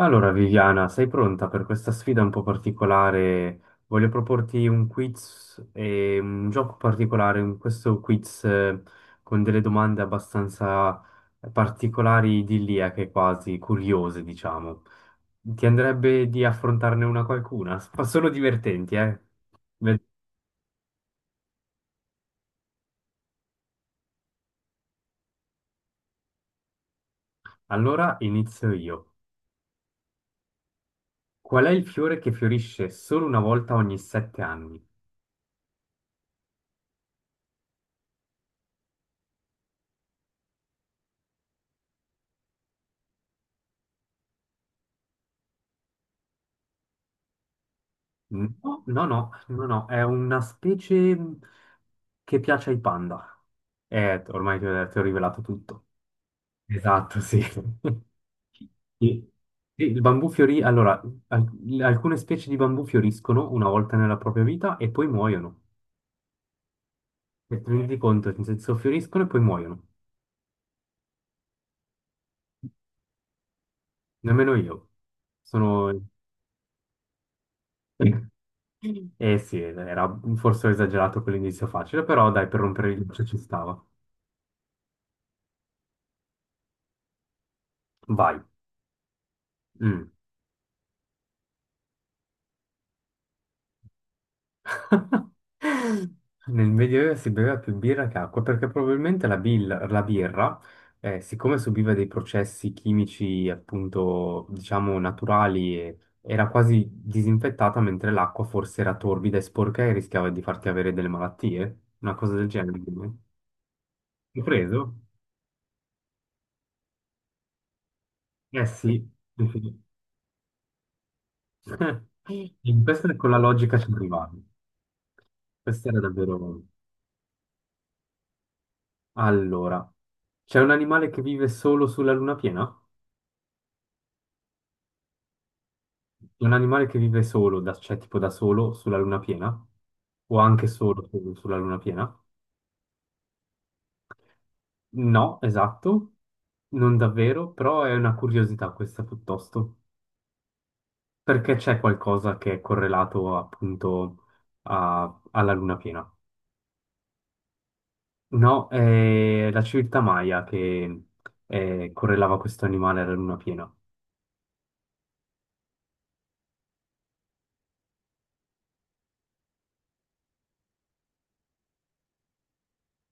Allora, Viviana, sei pronta per questa sfida un po' particolare? Voglio proporti un quiz e un gioco particolare, questo quiz con delle domande abbastanza particolari, idilliache quasi, curiose, diciamo. Ti andrebbe di affrontarne una qualcuna? Ma sono divertenti, eh? Ve- Allora inizio io. Qual è il fiore che fiorisce solo una volta ogni 7 anni? No, no, no, no, no, è una specie che piace ai panda. Ormai ti ho rivelato tutto. Esatto, sì. Sì, sì, il bambù fiorì, allora, al- alcune specie di bambù fioriscono una volta nella propria vita e poi muoiono. E ti rendi conto, nel senso, fioriscono e poi muoiono. Nemmeno io. Sono... Eh sì, era forse ho esagerato con l'inizio facile, però dai, per rompere il ghiaccio ci stava. Vai. Mm. Nel Medioevo si beveva più birra che acqua perché probabilmente la birra, siccome subiva dei processi chimici appunto diciamo naturali, era quasi disinfettata mentre l'acqua forse era torbida e sporca e rischiava di farti avere delle malattie, una cosa del genere. Ho preso? Eh sì, in questa con la logica ci arrivavi. Questa era davvero... Allora, c'è un animale che vive solo sulla luna piena? Un animale che vive solo, cioè tipo da solo sulla luna piena? O anche solo sulla luna piena? No, esatto, non davvero, però è una curiosità questa piuttosto, perché c'è qualcosa che è correlato appunto alla luna piena. No, è la civiltà Maya che correlava questo animale alla luna piena.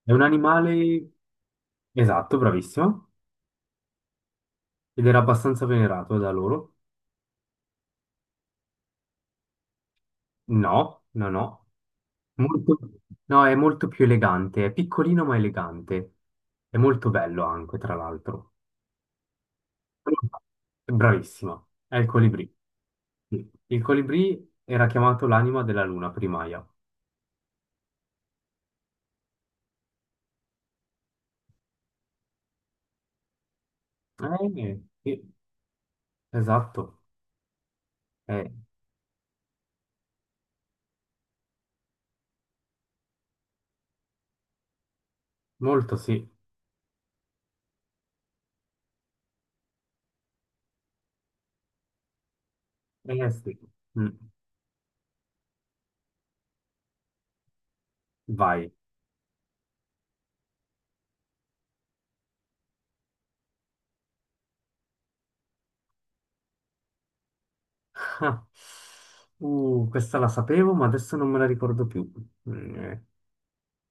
È un animale, esatto, bravissimo, ed era abbastanza venerato da loro. No, no, no. Molto- no, è molto più elegante, è piccolino ma elegante, è molto bello anche, tra l'altro. Bravissima, è il colibrì. Sì. Il colibrì era chiamato l'anima della luna primaia. Sì, esatto. Eh, molto sì. Sì. Mm. Vai. Ah. Questa la sapevo, ma adesso non me la ricordo più. Mm, eh.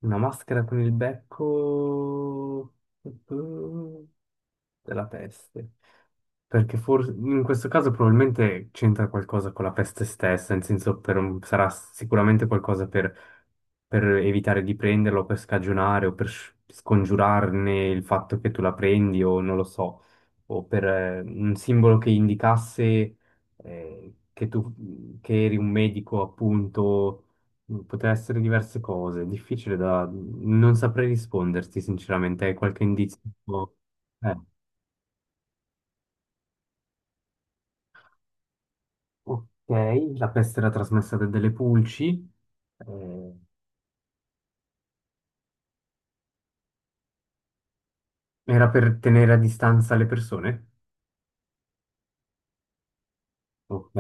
Una maschera con il becco eh, della peste. Perché forse in questo caso probabilmente c'entra qualcosa con la peste stessa, nel senso sarà sicuramente qualcosa per evitare di prenderlo, per scagionare o scongiurarne il fatto che tu la prendi o non lo so, o per un simbolo che indicasse che tu che eri un medico, appunto, poteva essere diverse cose, difficile da... non saprei risponderti sinceramente, hai qualche indizio? Eh. Ok, la peste era trasmessa da delle pulci. eh, Era per tenere a distanza le persone. Ok.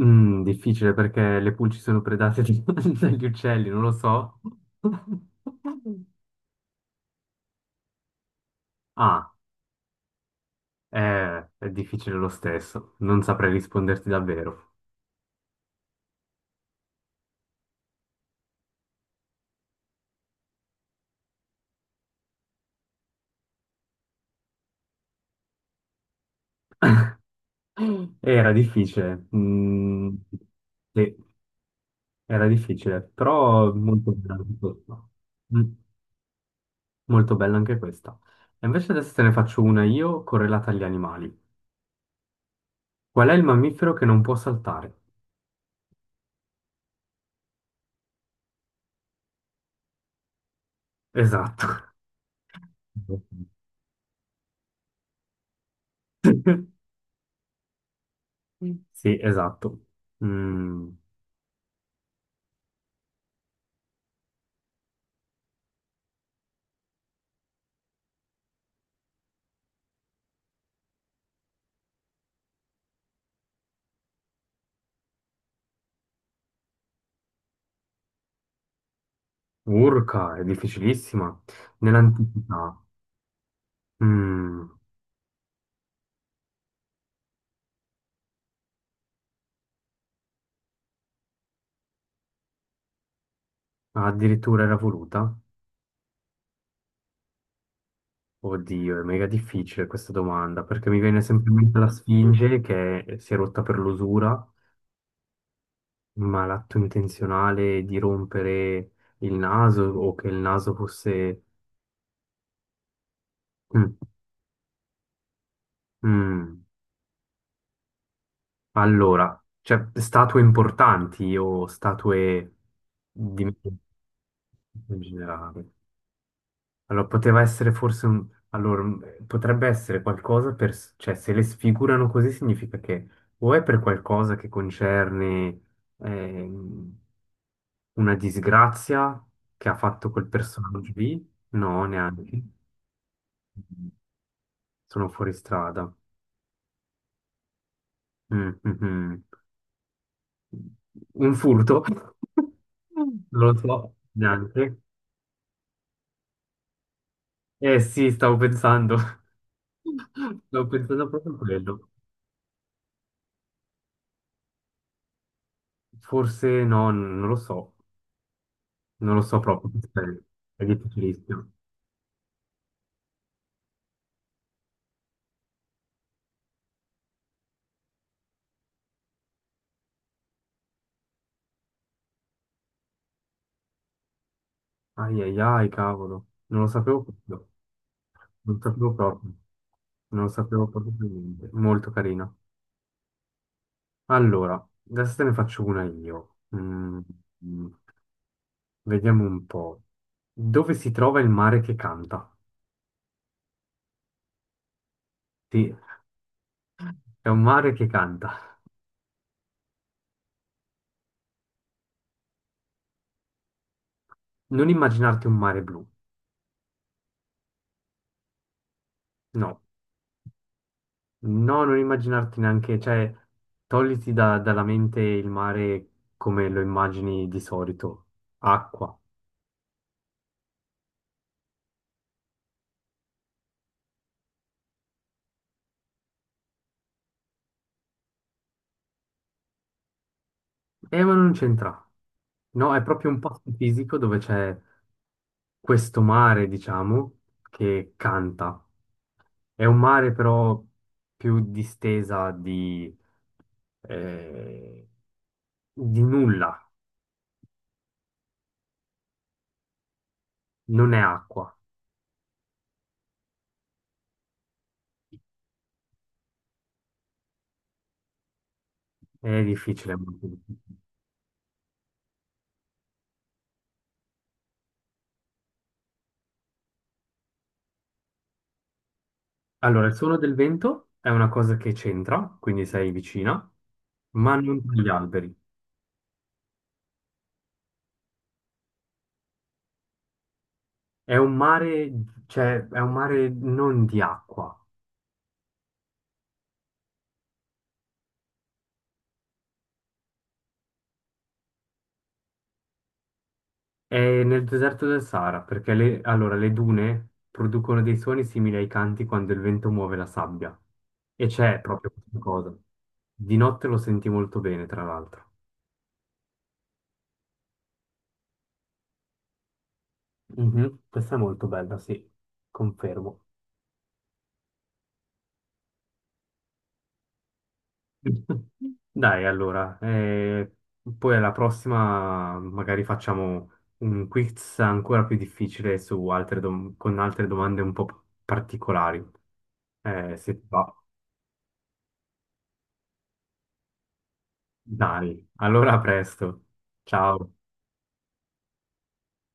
Difficile perché le pulci sono predate dagli uccelli, non lo so. Ah, è difficile lo stesso. Non saprei risponderti davvero. Era difficile. Sì, era difficile, però molto bello. Molto bella anche questa. E invece adesso te ne faccio una io correlata agli animali. Qual è il mammifero che non può saltare? Esatto. Mm. Sì, esatto. Mm, Urca, è difficilissima. Nell'antichità, mm, addirittura era voluta? Oddio, è mega difficile questa domanda, perché mi viene sempre in mente la Sfinge che si è rotta per l'usura, ma l'atto intenzionale di rompere il naso o che il naso fosse... Mm. Mm, allora, cioè statue importanti o statue di in generale? Allora, poteva essere forse un... Allora, potrebbe essere qualcosa per... Cioè, se le sfigurano così significa che o è per qualcosa che concerne ehm, una disgrazia che ha fatto quel personaggio lì? No, neanche. Mm. Sono fuori strada. Mm, mm, mm. Un furto? Non lo so neanche. Eh sì, stavo pensando. Stavo pensando proprio a quello. Forse no, non lo so. Non lo so proprio. Aspetta, è difficilissimo. Ai ai ai, cavolo. Non lo sapevo proprio. Non lo sapevo proprio. Non lo sapevo proprio per niente. Molto carina. Allora, adesso te ne faccio una io. Mm, Vediamo un po'. Dove si trova il mare che canta? Sì, è un mare che canta. Non immaginarti un mare blu. No, no, non immaginarti neanche, cioè, togliti dalla mente il mare come lo immagini di solito. Acqua. Ma non c'entra. No, è proprio un posto fisico dove c'è questo mare, diciamo, che canta. È un mare però più distesa eh, di nulla. Non è acqua. È difficile. Molto difficile. Allora, il suono del vento è una cosa che c'entra, quindi sei vicina, ma non gli alberi. È un mare, cioè, è un mare non di acqua. È nel deserto del Sahara, perché le, allora, le dune producono dei suoni simili ai canti quando il vento muove la sabbia. E c'è proprio questa cosa. Di notte lo senti molto bene, tra l'altro. Mhm. Questa è molto bella, sì, confermo. Dai, allora, poi alla prossima magari facciamo un quiz ancora più difficile su altre con altre domande un po' particolari. Se ti va. Dai, allora a presto. Ciao.